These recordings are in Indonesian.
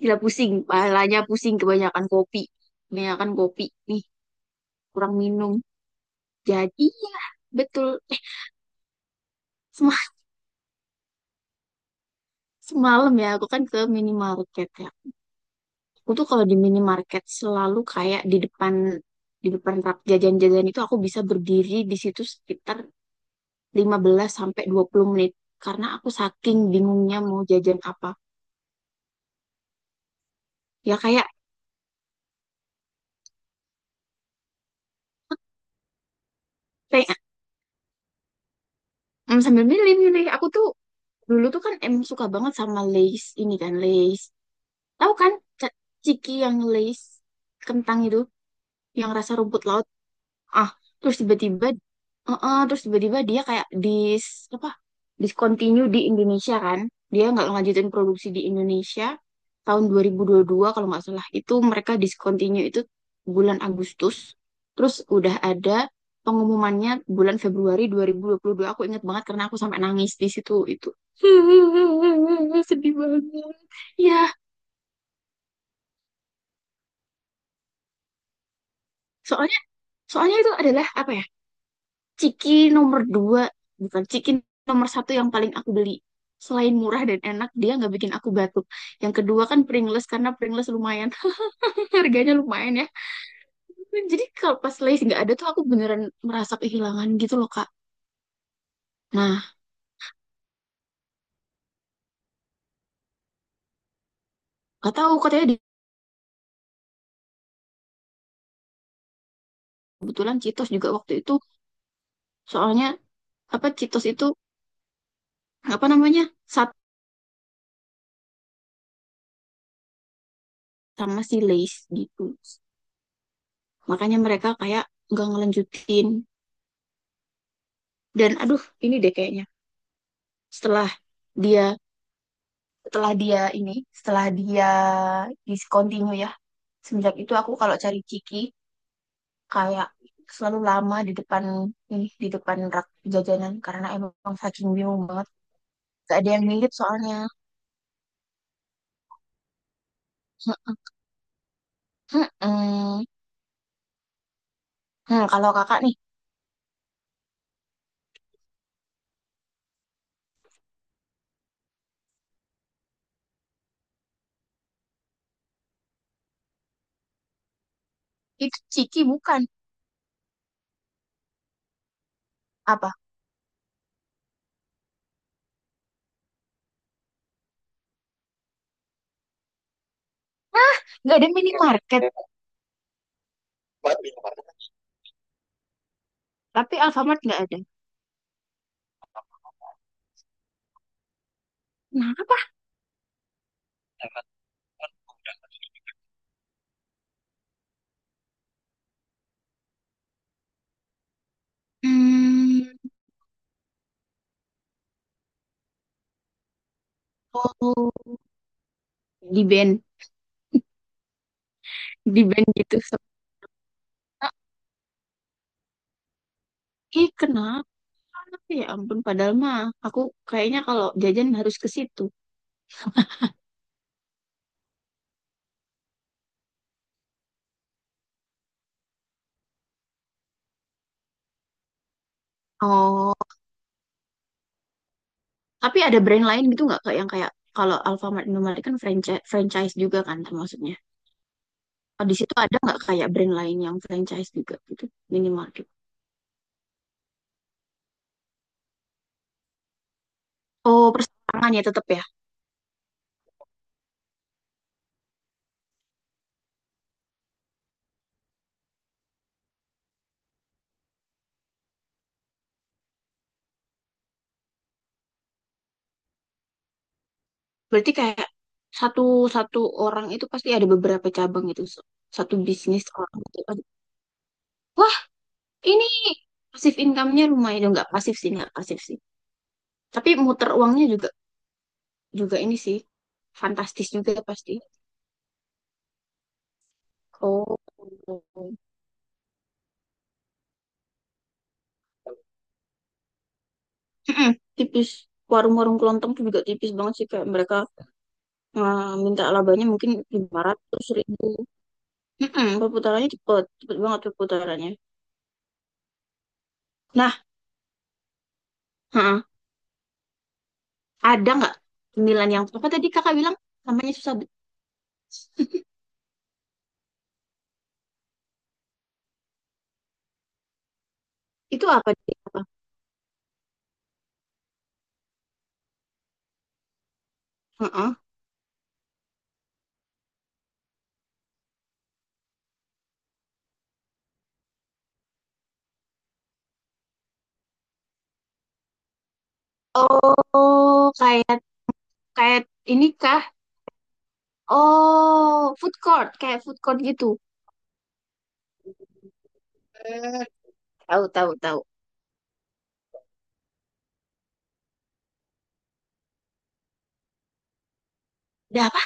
Gila pusing, palanya pusing kebanyakan kopi. Kebanyakan kopi nih, kurang minum. Jadi ya, betul. Eh, sema- semalam ya, aku kan ke minimarket ya. Aku tuh kalau di minimarket selalu kayak di depan rak jajan-jajan itu, aku bisa berdiri di situ sekitar 15 sampai 20 menit karena aku saking bingungnya mau jajan apa. Ya kayak kayak mm, sambil milih-milih aku tuh dulu tuh kan suka banget sama Lay's, ini kan Lay's. Tahu kan, ca- ciki yang lace kentang itu, yang rasa rumput laut? Ah, terus tiba-tiba heeh, terus tiba-tiba dia kayak apa? Discontinue di Indonesia kan. Dia nggak lanjutin produksi di Indonesia tahun dua dua ribu dua puluh dua kalau nggak salah. Itu mereka discontinue itu bulan Agustus. Terus udah ada pengumumannya bulan Februari dua dua ribu dua puluh dua. Aku ingat banget karena aku sampai nangis di situ itu. Sedih banget. Ya, soalnya soalnya itu adalah apa ya? Ciki nomor dua, bukan ciki nomor satu yang paling aku beli. Selain murah dan enak, dia nggak bikin aku batuk. Yang kedua kan Pringles, karena Pringles lumayan, harganya lumayan ya. Jadi kalau pas Lay's nggak ada tuh aku beneran merasa kehilangan gitu loh, Kak. Nah, nggak tahu katanya kebetulan Cheetos juga waktu itu. Soalnya apa Cheetos itu, apa namanya, satu sama si Lay's gitu. Makanya mereka kayak nggak ngelanjutin. Dan aduh, ini deh kayaknya setelah dia, setelah dia ini setelah dia discontinue ya, semenjak itu aku kalau cari Ciki kayak selalu lama di depan, di depan rak jajanan karena emang saking bingung banget, gak ada yang mirip soalnya. Heeh. Heeh. Kalau kakak nih itu Ciki bukan? Apa? Nggak ada minimarket tapi Alfamart nggak ada? Kenapa? hmm, oh, di band di band gitu? Ih, kenapa? Ya ampun, padahal mah aku kayaknya kalau jajan harus ke situ. Oh, tapi ada brand lain gitu nggak kak yang kayak, kalau Alfamart Indomaret kan franchise, franchise juga kan termasuknya. Oh, di situ ada nggak kayak brand lain yang franchise juga gitu, minimarket? Oh, persamaan ya tetap ya. Berarti kayak satu satu orang itu pasti ada beberapa cabang itu, satu bisnis orang itu. Wah, ini pasif income-nya lumayan dong, nggak pasif sih, nggak pasif sih. Tapi muter uangnya juga juga ini sih, fantastis juga pasti. Oh, mm-mm, tipis. Warung-warung kelontong tuh juga tipis banget sih. Kayak mereka minta labanya mungkin 500.000. Mm-mm, perputarannya cepet. Cepet banget perputarannya. Nah, ha-ha, ada nggak cemilan yang... Apa tadi kakak bilang? Namanya susah. Itu apa? Dek? Apa? Heeh. Oh, kayak kayak ini kah? Oh, food court, kayak food court gitu. Hmm, tahu tahu tahu. Ada apa?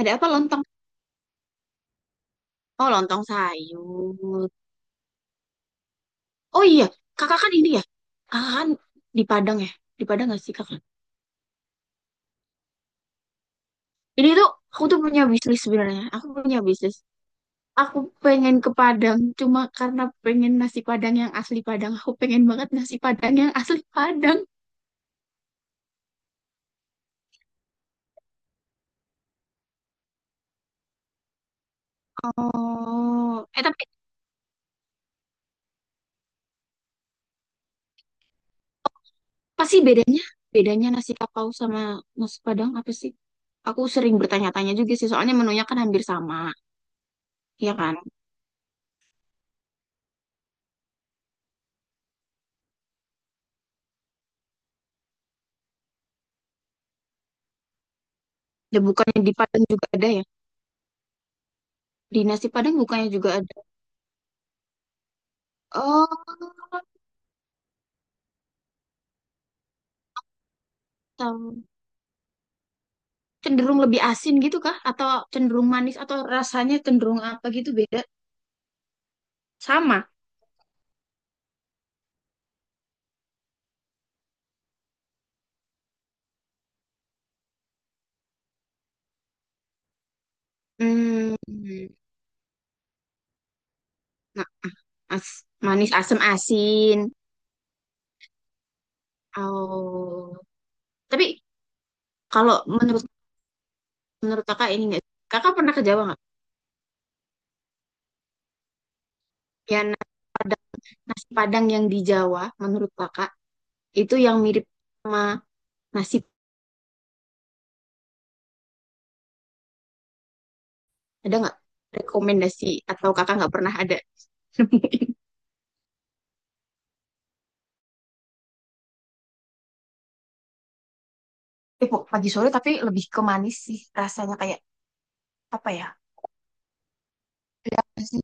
Ada apa lontong? Oh, lontong sayur. Oh iya, kakak kan ini ya. Kakak kan di Padang ya. Di Padang gak sih kakak? Ini tuh aku tuh punya bisnis sebenarnya. Aku punya bisnis. Aku pengen ke Padang cuma karena pengen nasi Padang yang asli Padang. Aku pengen banget nasi Padang yang asli Padang. Oh, eh, tapi apa sih bedanya? Bedanya nasi kapau sama nasi Padang apa sih? Aku sering bertanya-tanya juga sih, soalnya menunya kan hampir sama, ya kan? Ya bukannya di Padang juga ada ya? Di nasi Padang bukannya juga ada? Oh, tahu. Cenderung lebih asin gitu kah? Atau cenderung manis atau rasanya cenderung apa gitu, beda? Sama. Hmm, nah, manis, asam, asin. Oh, tapi kalau menurut menurut kakak ini nggak, kakak pernah ke Jawa nggak? Ya padang, nasi padang yang di Jawa, menurut kakak itu yang mirip sama nasi, ada nggak? Rekomendasi, atau kakak nggak pernah ada nemuin? Eh, pagi sore tapi lebih ke manis sih rasanya, kayak apa ya? Ada apa sih?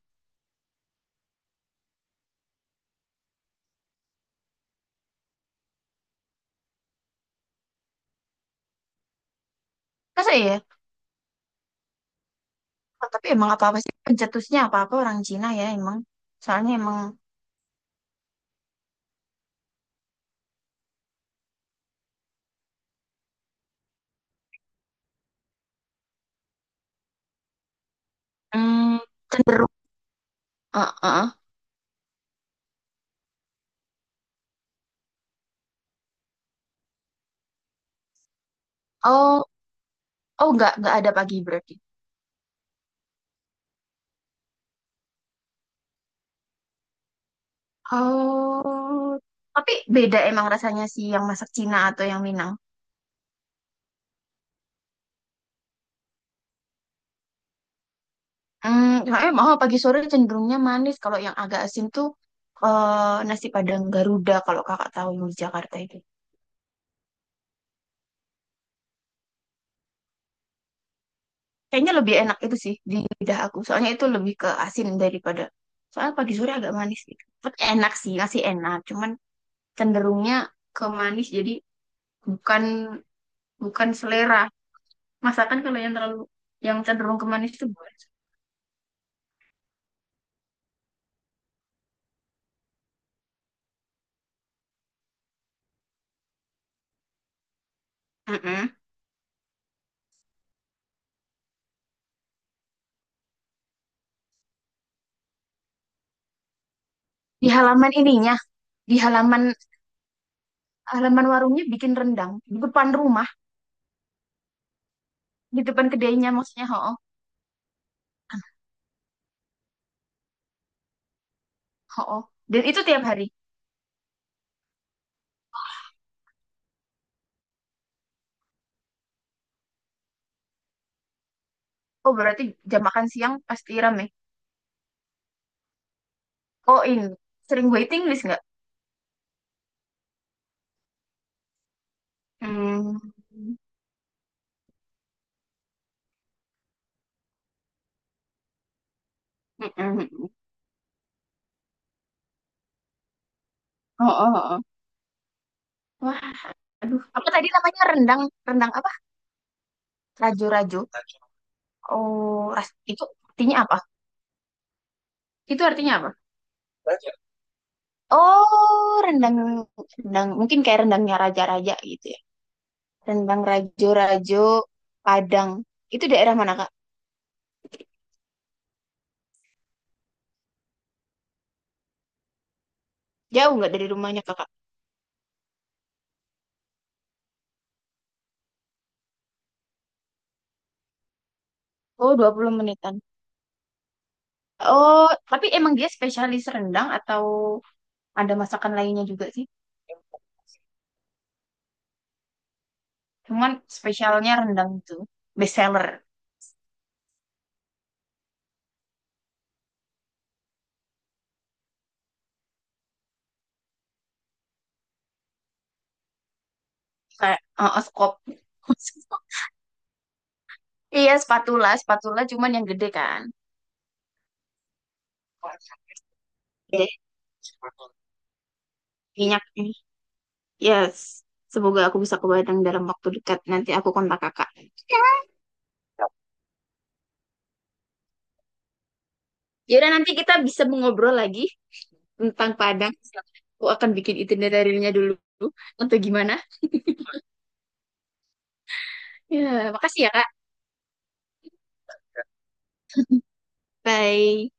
Masa ya? Oh, tapi emang apa-apa sih pencetusnya, apa-apa orang Cina ya emang. Soalnya emang hmm, cenderung. Ah, ah, ah. Oh, oh, nggak ada pagi berarti. Oh, tapi beda emang rasanya sih yang masak Cina atau yang Minang. Hmm, soalnya emang, oh, pagi sore cenderungnya manis. Kalau yang agak asin tuh nasi Padang Garuda, kalau kakak tahu yang di Jakarta itu. Kayaknya lebih enak itu sih di lidah aku. Soalnya itu lebih ke asin daripada. Soalnya pagi sore agak manis gitu. Tapi enak sih, nasi enak. Cuman cenderungnya ke manis, jadi bukan bukan selera masakan kalau yang terlalu, yang cenderung ke manis itu, boleh. Mm-mm. Di halaman ininya, di halaman, halaman warungnya bikin rendang di depan rumah. Di depan kedainya maksudnya, ho, ho, dan itu tiap hari? Oh, berarti jam makan siang pasti rame? Oh, ini sering waiting list nggak? Hmm. Mm-mm. Oh, oh, oh. Wah, aduh, apa tadi namanya, rendang, apa? Rajo rajo? Oh, itu artinya apa? Itu artinya apa? Oh, rendang rendang mungkin kayak rendangnya raja-raja gitu ya. Rendang rajo-rajo Padang. Itu daerah mana, Kak? Jauh nggak dari rumahnya, Kakak? Oh, 20 menitan. Oh, tapi emang dia spesialis rendang atau ada masakan lainnya juga sih? Cuman spesialnya rendang itu, best seller? Kayak skop. Iya, spatula, spatula cuman yang gede kan. Ya. Minyak. Yes, semoga aku bisa ke Padang dalam waktu dekat. Nanti aku kontak kakak. Yaudah, nanti kita bisa mengobrol lagi tentang Padang. Aku akan bikin itinerary-nya dulu. Untuk gimana? Ya, makasih ya, Kak. Bye.